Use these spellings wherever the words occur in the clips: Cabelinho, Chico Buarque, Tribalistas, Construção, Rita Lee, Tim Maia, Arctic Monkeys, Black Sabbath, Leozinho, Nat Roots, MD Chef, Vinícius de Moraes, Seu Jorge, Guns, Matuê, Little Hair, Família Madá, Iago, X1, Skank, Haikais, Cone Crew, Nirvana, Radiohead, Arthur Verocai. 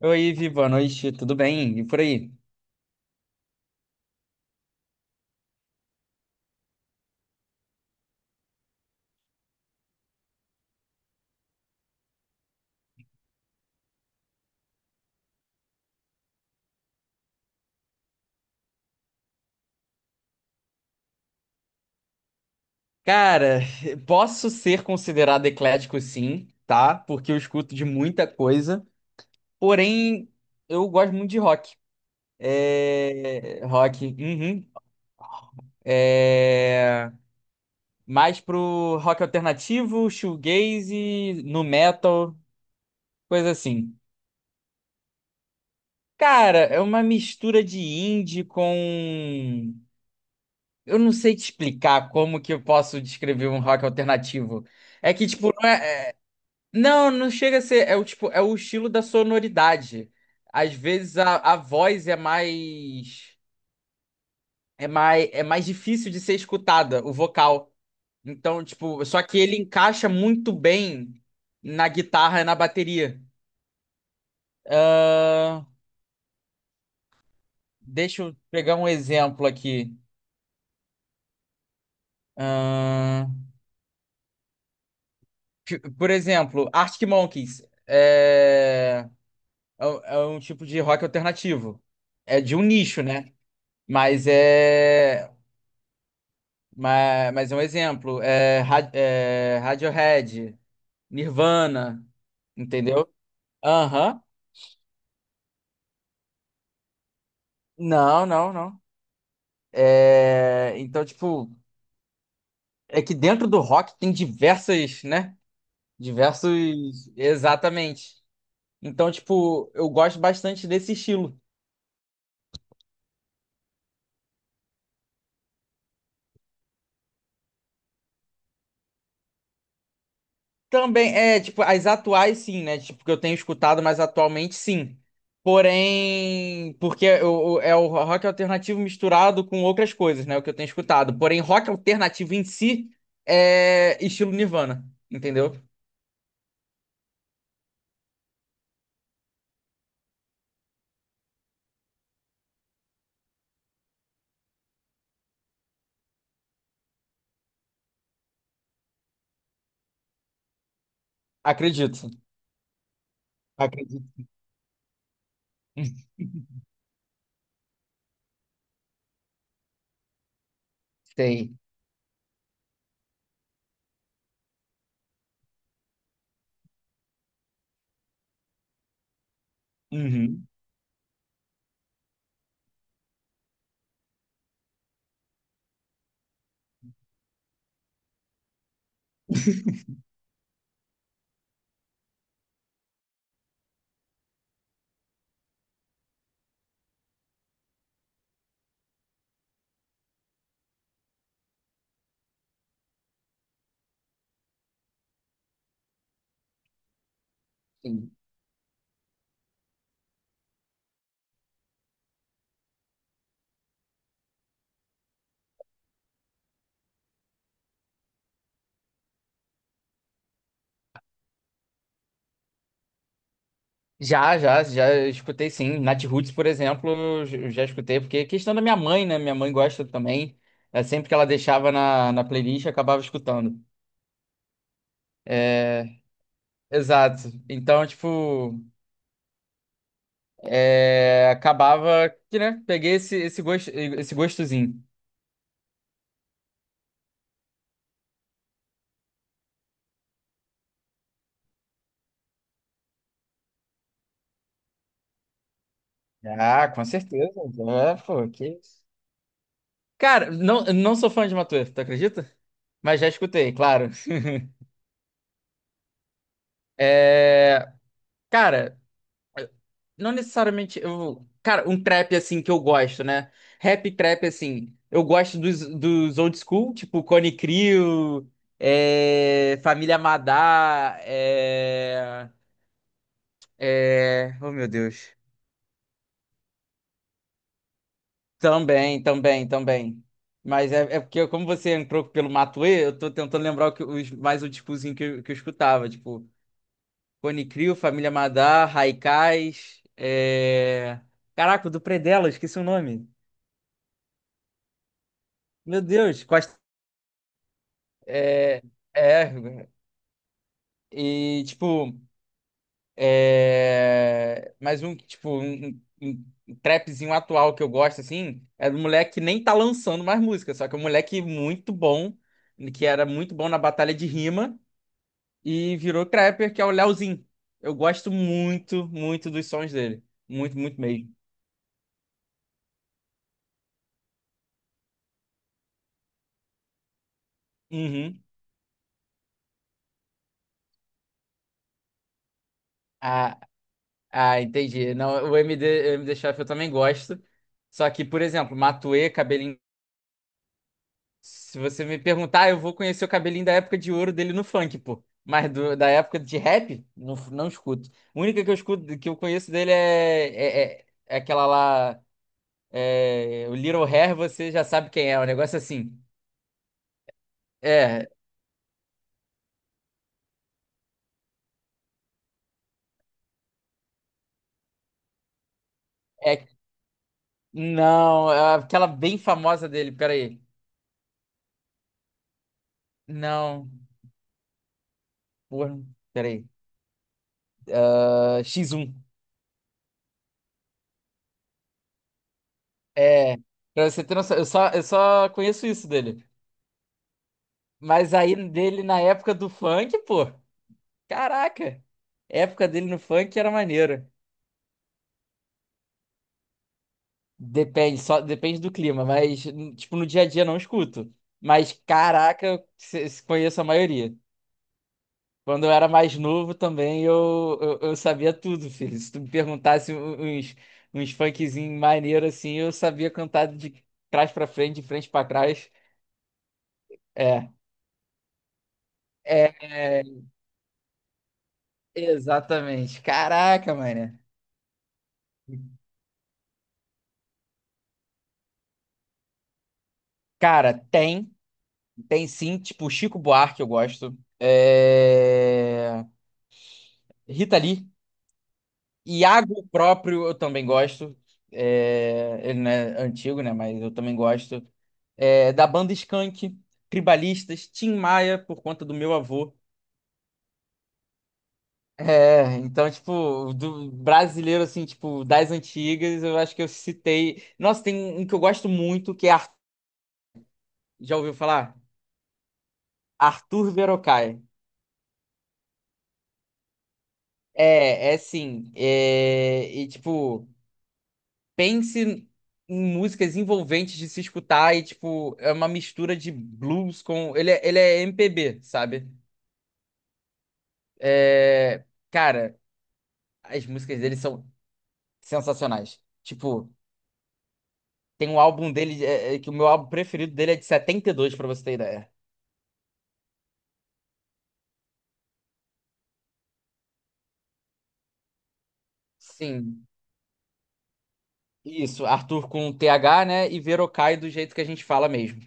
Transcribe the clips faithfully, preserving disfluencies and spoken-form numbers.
Oi, Viva, boa noite, tudo bem? E por aí? Cara, posso ser considerado eclético sim, tá? Porque eu escuto de muita coisa, porém eu gosto muito de rock. É... Rock, uhum. É... Mais pro rock alternativo, shoegaze, nu metal, coisa assim. Cara, é uma mistura de indie com... Eu não sei te explicar como que eu posso descrever um rock alternativo. É que, tipo, não é. Não, não chega a ser. É o tipo, é o estilo da sonoridade. Às vezes a, a voz é mais, é mais, é mais difícil de ser escutada, o vocal. Então, tipo, só que ele encaixa muito bem na guitarra e na bateria. Ahn, deixa eu pegar um exemplo aqui. Ahn, ti- por exemplo, Arctic Monkeys é, é um é um tipo de rock alternativo. É de um nicho, né? Mas é. Mas, mas é um exemplo. É, Ra- é, Radiohead, Nirvana, entendeu? Aham. Não, não, não. É, então, tipo, é que dentro do rock tem diversas, né? Diversos. Exatamente. Então, tipo, eu gosto bastante desse estilo. Também, é, tipo, as atuais sim, né? Tipo, que eu tenho escutado, mas atualmente sim. Porém, porque o- o- é o rock alternativo misturado com outras coisas, né? O que eu tenho escutado. Porém, rock alternativo em si é estilo Nirvana, entendeu? Acredito. Acredito. Sei. Uhum. Sim. Já, já, já escutei sim. Nat Roots, por exemplo, eu j- eu já escutei, porque é questão da minha mãe, né? Minha mãe gosta também. É, sempre que ela deixava na, na playlist, eu acabava escutando. É, exato. Então, tipo, é, acabava que, né, peguei esse, esse gosto, esse gostozinho. Ah, com certeza. É, pô, que... isso. Cara, não, não sou fã de Matuê, tu acredita? Mas já escutei, claro. É, cara, não necessariamente eu, cara, um trap assim que eu gosto, né? Rap trap assim, eu gosto dos, dos old school, tipo Cone Crew, é, Família Madá, é, é... Oh, meu Deus. Também, também, também. Mas é, é porque, como você entrou pelo Matuê, eu tô tentando lembrar o que, os, mais o tipozinho que, eu- que eu escutava. Tipo, Cone Crew, Família Madar, Haikais. É... Caraca, o do Predela, eu esqueci o nome. Meu Deus, Costa. É, é. E, tipo. É, mas um, tipo, um, um- um trapzinho atual que eu gosto, assim, é do moleque que nem tá lançando mais música, só que é um moleque muito bom, que era muito bom na batalha de rima e virou trapper, que é o Leozinho. Eu gosto muito, muito dos sons dele. Muito, muito mesmo. Uhum. Ah, ah, entendi. Não, o M D, o M D Chef eu também gosto. Só que, por exemplo, Matuê, Cabelinho. Se você me perguntar, eu vou conhecer o cabelinho da época de ouro dele no funk, pô. Mas do- da época de rap, não, não escuto. A única que eu escuto, que eu conheço dele é, é, é- é aquela lá. É, o Little Hair, você já sabe quem é. O negócio é assim. É, é. Não, é aquela bem famosa dele, peraí. Não, porra, peraí. Ah, X um. É. Pra você ter noção, eu só, eu só conheço isso dele. Mas aí dele na época do funk, pô. Caraca! A época dele no funk era maneiro. Depende, só depende do clima, mas tipo, no dia a dia não escuto. Mas caraca, eu se- se conheço a maioria. Quando eu era mais novo também, eu, eu, eu sabia tudo, filho. Se tu me perguntasse u- uns, uns funkzinhos maneiro assim, eu sabia cantar de trás pra frente, de frente pra trás. É, é, é, exatamente. Caraca, mano. Cara, tem. Tem sim, tipo, Chico Buarque eu gosto. É... Rita Lee. Iago próprio eu também gosto. É... Ele não é antigo, né? Mas eu também gosto. É... Da banda Skank, Tribalistas, Tim Maia, por conta do meu avô. É, então, tipo, do brasileiro, assim, tipo, das antigas, eu acho que eu citei. Nossa, tem um que eu gosto muito, que é. Ar-. Já ouviu falar? Arthur Verocai. É, é sim. É, e, tipo, pense em músicas envolventes de se escutar e, tipo, é uma mistura de blues com. Ele é, ele é M P B, sabe? É, cara, as músicas dele são sensacionais. Tipo, tem um álbum dele, é, é, que o meu álbum preferido dele é de setenta e dois pra você ter ideia. Sim, isso, Arthur com T H, né? E Verocai do jeito que a gente fala mesmo.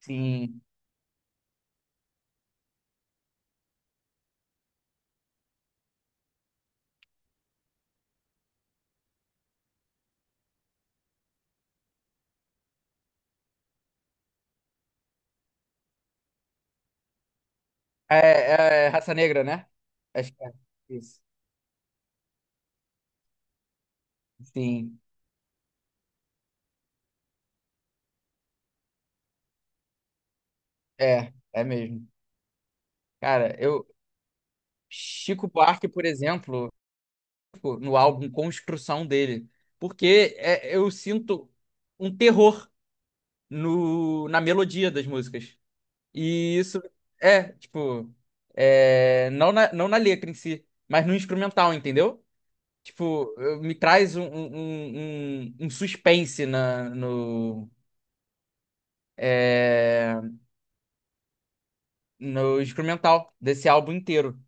Sim. É, é raça negra, né? Acho que é isso. Sim, é, é mesmo. Cara, eu, Chico Buarque, por exemplo, tipo, no álbum Construção dele, porque é- eu sinto um terror no, na melodia das músicas. E isso é, tipo, é, não na, não na letra em si, mas no instrumental, entendeu? Tipo, eu- me traz um, um, um, um um suspense na, no, é, no instrumental desse álbum inteiro.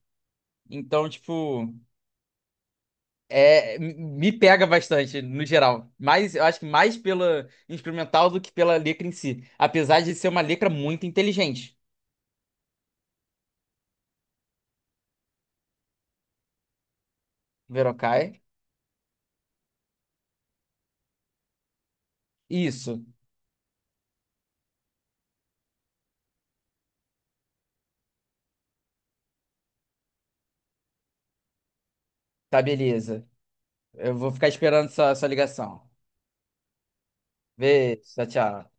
Então, tipo. É, me pega bastante, no geral. Mas eu acho que mais pela instrumental do que pela letra em si. Apesar de ser uma letra muito inteligente. Verokai. Isso. Tá, beleza. Eu vou ficar esperando sua, sua ligação. Beijo, tchau, tchau.